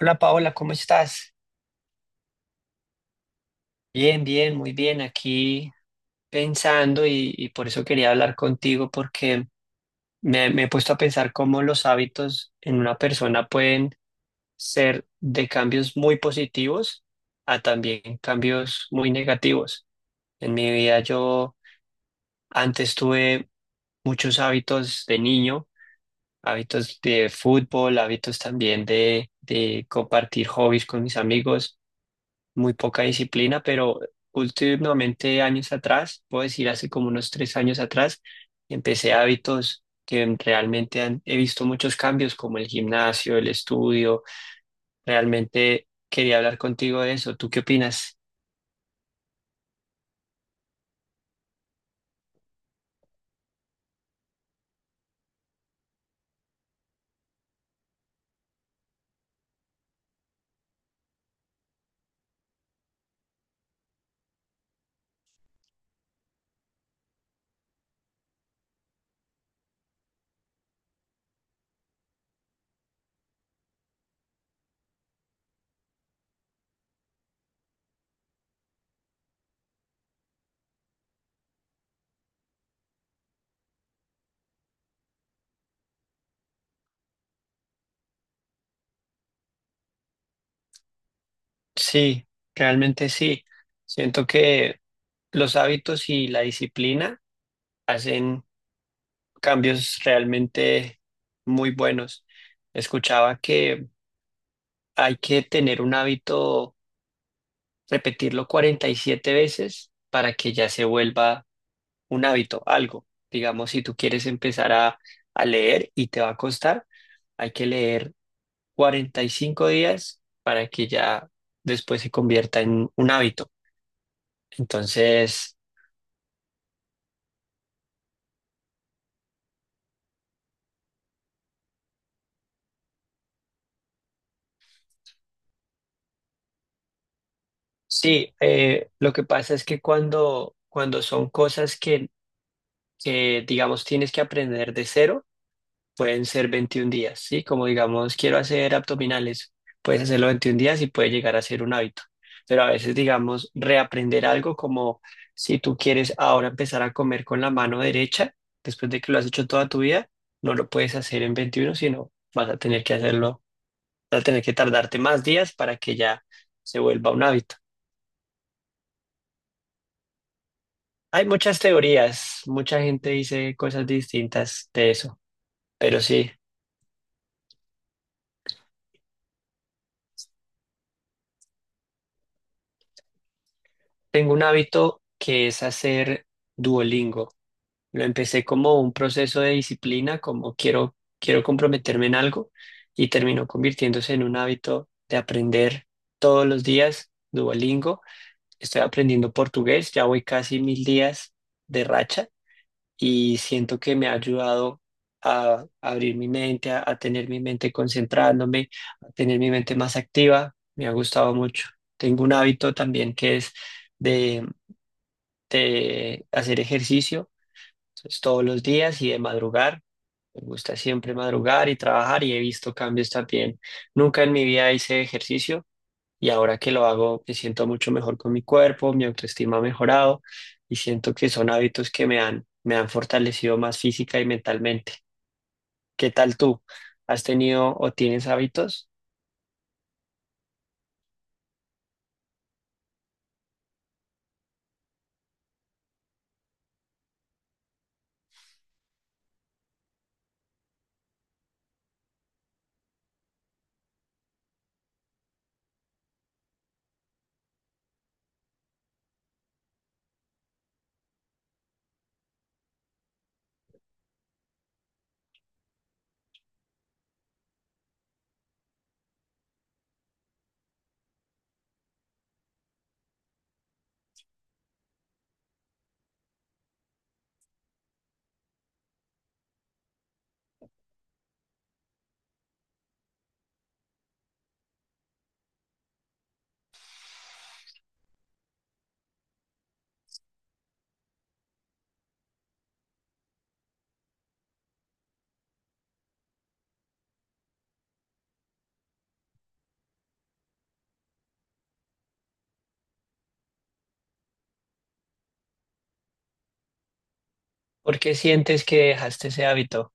Hola Paola, ¿cómo estás? Bien, bien, muy bien. Aquí pensando y por eso quería hablar contigo porque me he puesto a pensar cómo los hábitos en una persona pueden ser de cambios muy positivos a también cambios muy negativos. En mi vida yo antes tuve muchos hábitos de niño, hábitos de fútbol, hábitos también de compartir hobbies con mis amigos. Muy poca disciplina, pero últimamente años atrás, puedo decir hace como unos tres años atrás, empecé hábitos que realmente he visto muchos cambios, como el gimnasio, el estudio. Realmente quería hablar contigo de eso. ¿Tú qué opinas? Sí, realmente sí. Siento que los hábitos y la disciplina hacen cambios realmente muy buenos. Escuchaba que hay que tener un hábito, repetirlo 47 veces para que ya se vuelva un hábito, algo. Digamos, si tú quieres empezar a leer y te va a costar, hay que leer 45 días para que ya después se convierta en un hábito. Entonces, sí, lo que pasa es que cuando son cosas que, digamos, tienes que aprender de cero. Pueden ser 21 días, ¿sí? Como digamos, quiero hacer abdominales, puedes hacerlo 21 días y puede llegar a ser un hábito. Pero a veces, digamos, reaprender algo como si tú quieres ahora empezar a comer con la mano derecha, después de que lo has hecho toda tu vida, no lo puedes hacer en 21, sino vas a tener que hacerlo, vas a tener que tardarte más días para que ya se vuelva un hábito. Hay muchas teorías, mucha gente dice cosas distintas de eso, pero sí, tengo un hábito que es hacer Duolingo. Lo empecé como un proceso de disciplina, como quiero comprometerme en algo y terminó convirtiéndose en un hábito de aprender todos los días Duolingo. Estoy aprendiendo portugués, ya voy casi 1000 días de racha y siento que me ha ayudado a abrir mi mente, a tener mi mente concentrándome, a tener mi mente más activa. Me ha gustado mucho. Tengo un hábito también que es de de hacer ejercicio entonces, todos los días y de madrugar. Me gusta siempre madrugar y trabajar y he visto cambios también. Nunca en mi vida hice ejercicio y ahora que lo hago me siento mucho mejor con mi cuerpo, mi autoestima ha mejorado y siento que son hábitos que me han fortalecido más física y mentalmente. ¿Qué tal tú? ¿Has tenido o tienes hábitos? ¿Por qué sientes que dejaste ese hábito?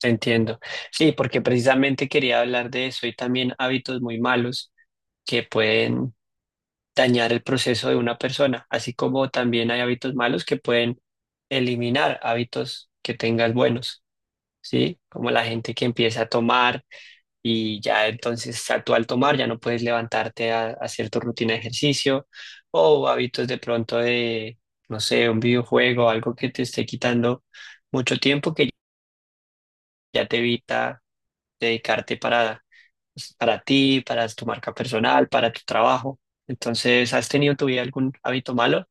Te entiendo. Sí, porque precisamente quería hablar de eso y también hábitos muy malos que pueden dañar el proceso de una persona, así como también hay hábitos malos que pueden eliminar hábitos que tengas buenos, ¿sí? Como la gente que empieza a tomar y ya entonces tú al tomar ya no puedes levantarte a hacer tu rutina de ejercicio o hábitos de pronto de, no sé, un videojuego, algo que te esté quitando mucho tiempo que ya te evita dedicarte para, pues, para ti, para tu marca personal, para tu trabajo. Entonces, ¿has tenido en tu vida algún hábito malo?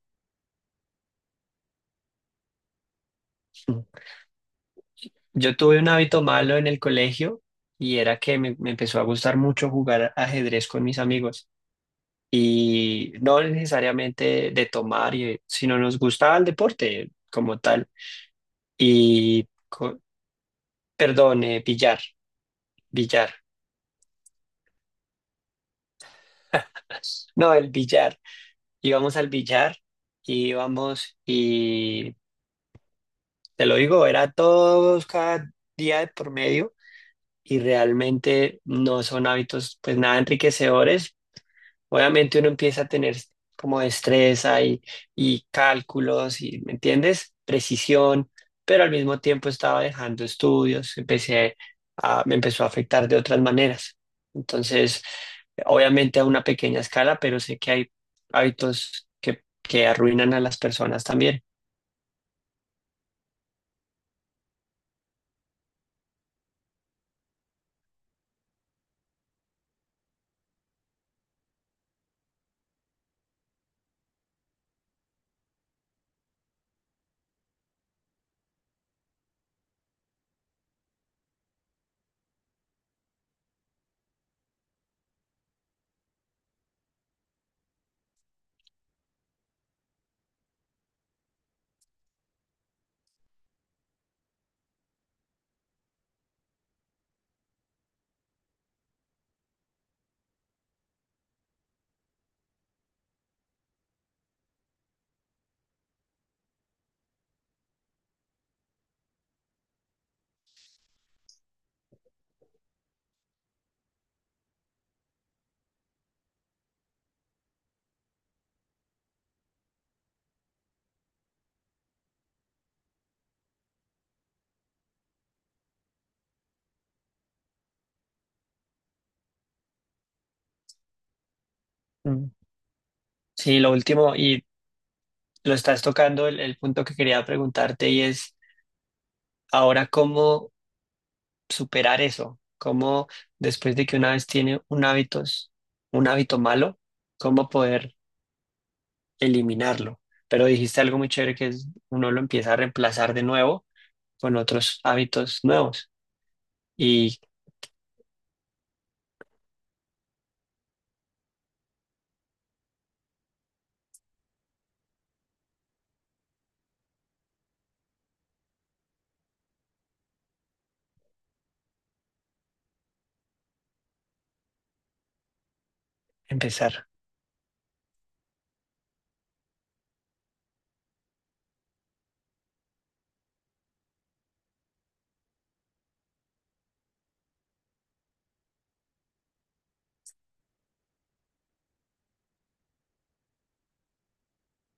Yo tuve un hábito malo en el colegio y era que me empezó a gustar mucho jugar ajedrez con mis amigos y no necesariamente de tomar, sino nos gustaba el deporte como tal y, billar, billar, no, el billar. Íbamos al billar y íbamos y, te lo digo, era todos cada día de por medio y realmente no son hábitos pues nada enriquecedores. Obviamente uno empieza a tener como destreza y cálculos y, ¿me entiendes? Precisión, pero al mismo tiempo estaba dejando estudios, empecé a, me empezó a afectar de otras maneras. Entonces, obviamente a una pequeña escala, pero sé que hay hábitos que arruinan a las personas también. Mm. Sí, lo último, y lo estás tocando, el punto que quería preguntarte y es, ¿ahora cómo superar eso? ¿Cómo después de que una vez tiene un hábito malo, cómo poder eliminarlo? Pero dijiste algo muy chévere que es uno lo empieza a reemplazar de nuevo con otros hábitos nuevos y empezar.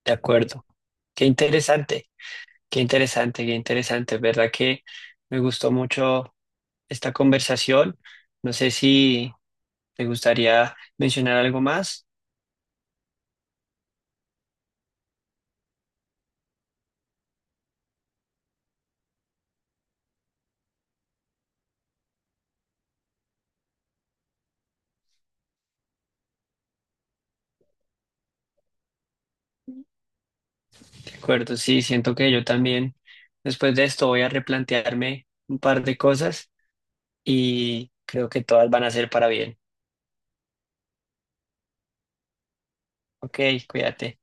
De acuerdo. Qué interesante, qué interesante, qué interesante. ¿Verdad que me gustó mucho esta conversación? No sé si te gustaría mencionar algo más. Acuerdo, sí, siento que yo también después de esto voy a replantearme un par de cosas y creo que todas van a ser para bien. Ok, cuídate.